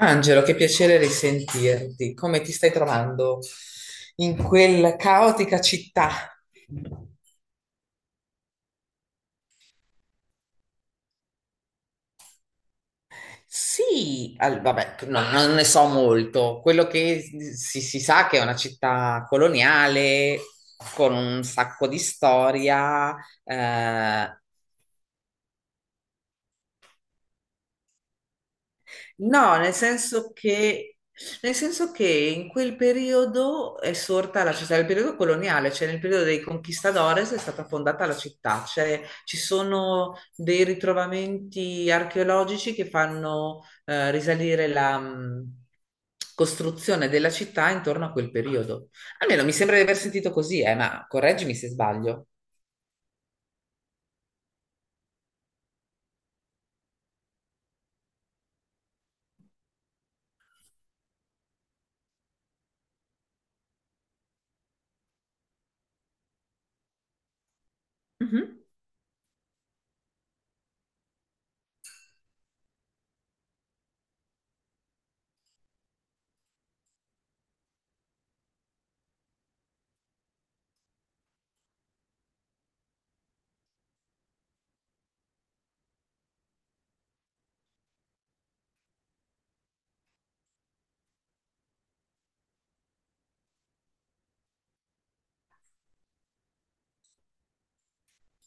Angelo, che piacere risentirti. Come ti stai trovando in quella caotica città? Sì, al- vabbè, no- non ne so molto. Quello che si sa che è una città coloniale con un sacco di storia. eh, No, nel senso che in quel periodo è sorta la città, nel periodo coloniale, cioè nel periodo dei conquistadores è stata fondata la città, cioè ci sono dei ritrovamenti archeologici che fanno risalire la costruzione della città intorno a quel periodo. Almeno mi sembra di aver sentito così, ma correggimi se sbaglio. Mhm.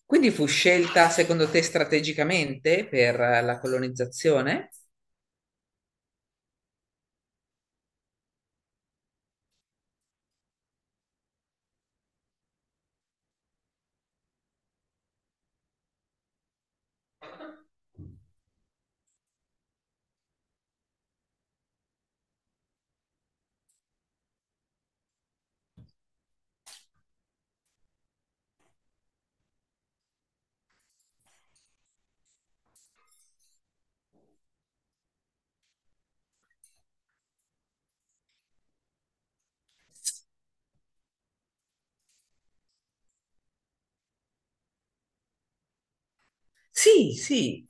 Quindi fu scelta secondo te strategicamente per la colonizzazione? Sì, sì,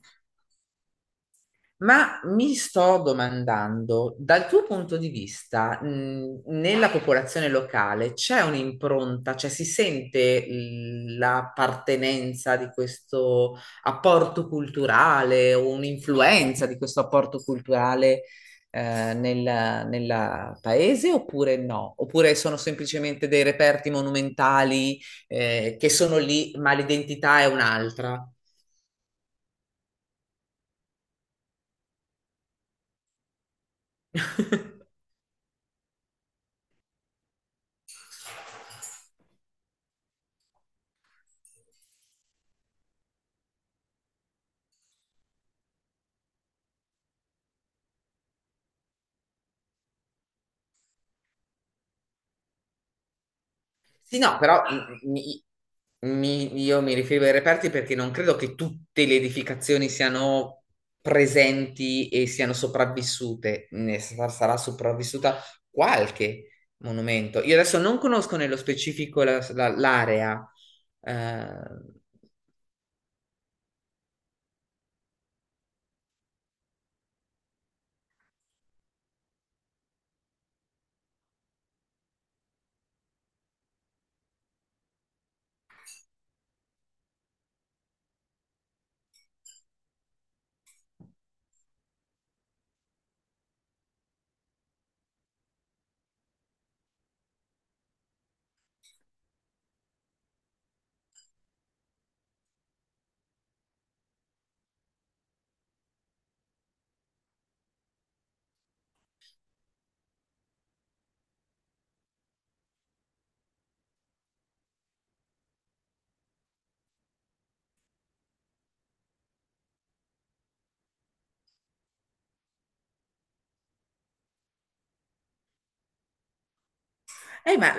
ma mi sto domandando, dal tuo punto di vista, nella popolazione locale c'è un'impronta, cioè si sente l- l'appartenenza di questo apporto culturale o un'influenza di questo apporto culturale, nel, nella paese oppure no? Oppure sono semplicemente dei reperti monumentali, che sono lì, ma l'identità è un'altra? Sì, no, però mi- mi- io mi riferivo ai reperti perché non credo che tutte le edificazioni siano presenti e siano sopravvissute. Ne sa- sarà sopravvissuta qualche monumento. Io adesso non conosco nello specifico la- la- l'area. Eh, ma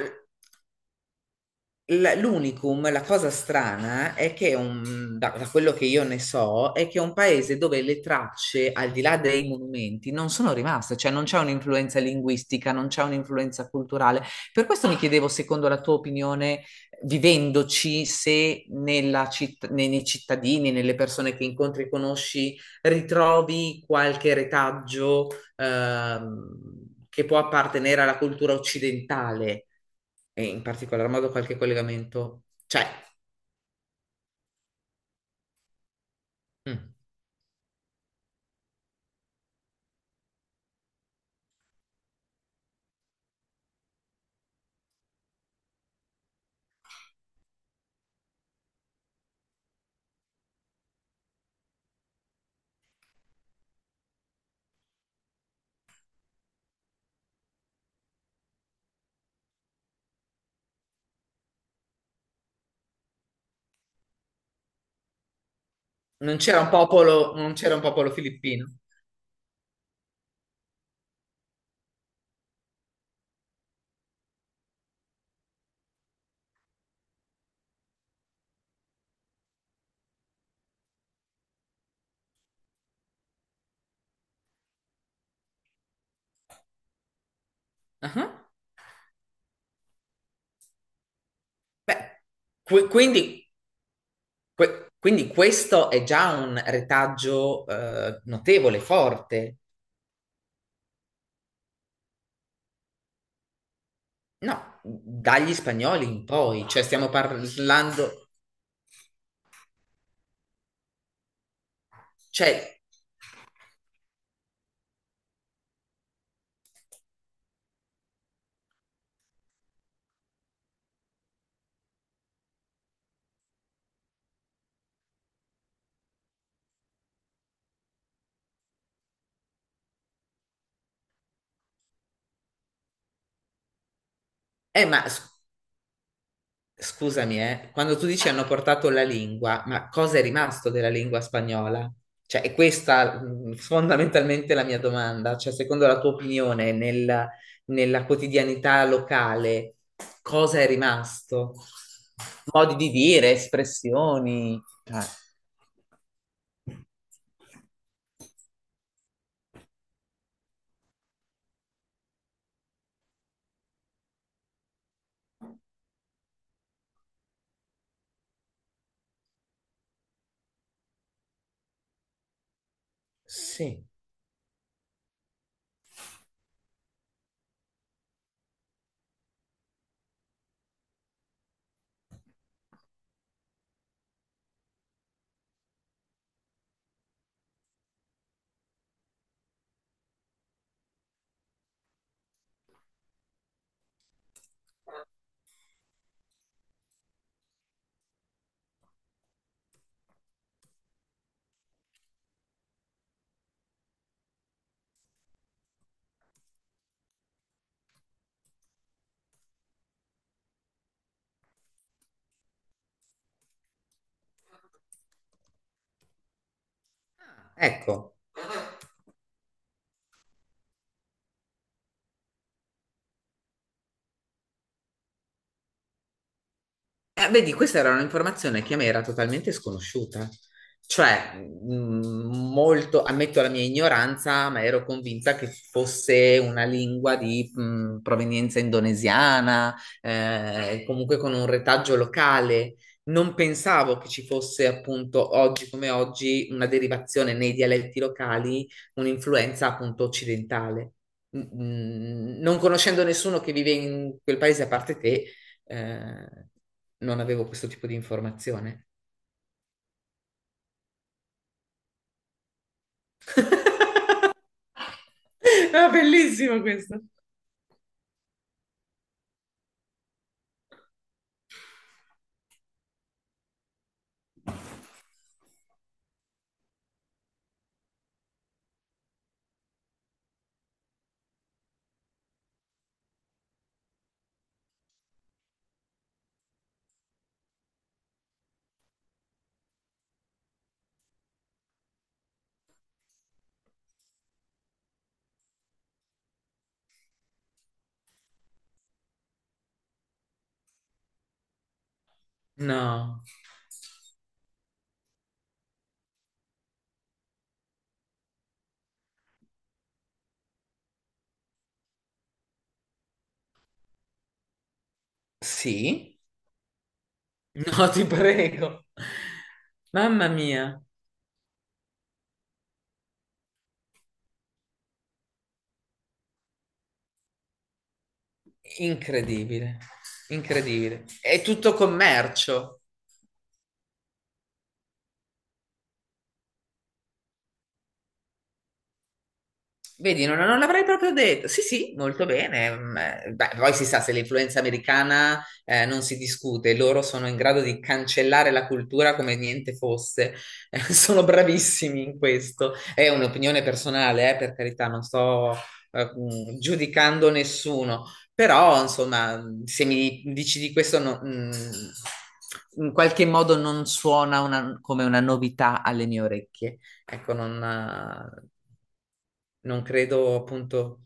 l- l'unicum, la cosa strana è che un- da, da quello che io ne so, è che è un paese dove le tracce, al di là dei monumenti, non sono rimaste, cioè non c'è un'influenza linguistica, non c'è un'influenza culturale. Per questo mi chiedevo, secondo la tua opinione, vivendoci, se nella citt- nei, nei cittadini, nelle persone che incontri e conosci, ritrovi qualche retaggio che può appartenere alla cultura occidentale e in particolar modo qualche collegamento, cioè, mm, non c'era un popolo, non c'era un popolo filippino. Ah, beh, que- quindi, que- quindi questo è già un retaggio notevole, forte. No, dagli spagnoli in poi, cioè stiamo parlando, cioè, ma s- scusami, quando tu dici hanno portato la lingua, ma cosa è rimasto della lingua spagnola? Cioè, è questa fondamentalmente la mia domanda. Cioè, secondo la tua opinione, nel- nella quotidianità locale, cosa è rimasto? Modi di dire, espressioni. Sì. Ecco. Vedi, questa era un'informazione che a me era totalmente sconosciuta. Cioè, molto, ammetto la mia ignoranza, ma ero convinta che fosse una lingua di provenienza indonesiana, comunque con un retaggio locale. Non pensavo che ci fosse appunto oggi come oggi una derivazione nei dialetti locali, un'influenza appunto occidentale. Mm, mm, non conoscendo nessuno che vive in quel paese a parte te, eh, non avevo questo tipo di informazione. Ah, bellissimo questo. No, sì, no, ti prego. Mamma mia, incredibile, incredibile. È tutto commercio. Vedi, non, non l'avrei proprio detto. Sì, sì, molto bene. Mm, beh, poi si sa, se l'influenza americana non si discute, loro sono in grado di cancellare la cultura come niente fosse. Sono bravissimi in questo. È un'opinione personale, per carità, non sto giudicando nessuno, però insomma, se mi dici di questo, no- mm, in qualche modo non suona una- come una novità alle mie orecchie. Ecco, non, non credo appunto.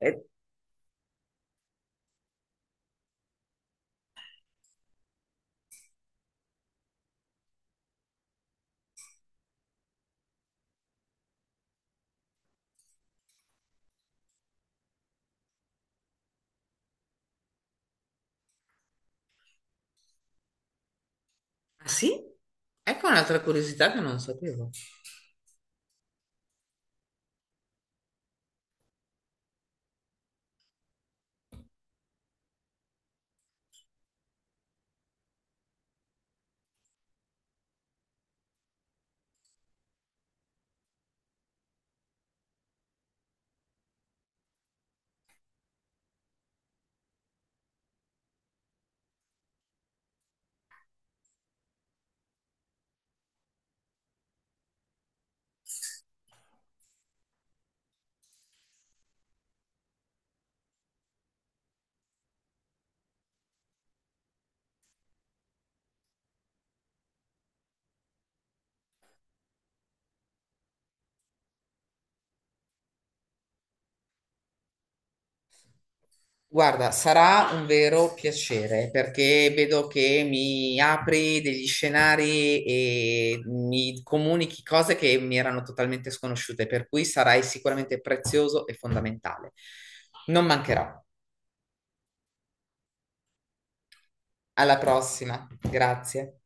Eh, ah, sì? Ecco un'altra curiosità che non sapevo. Guarda, sarà un vero piacere perché vedo che mi apri degli scenari e mi comunichi cose che mi erano totalmente sconosciute, per cui sarai sicuramente prezioso e fondamentale. Non mancherò. Alla prossima. Grazie.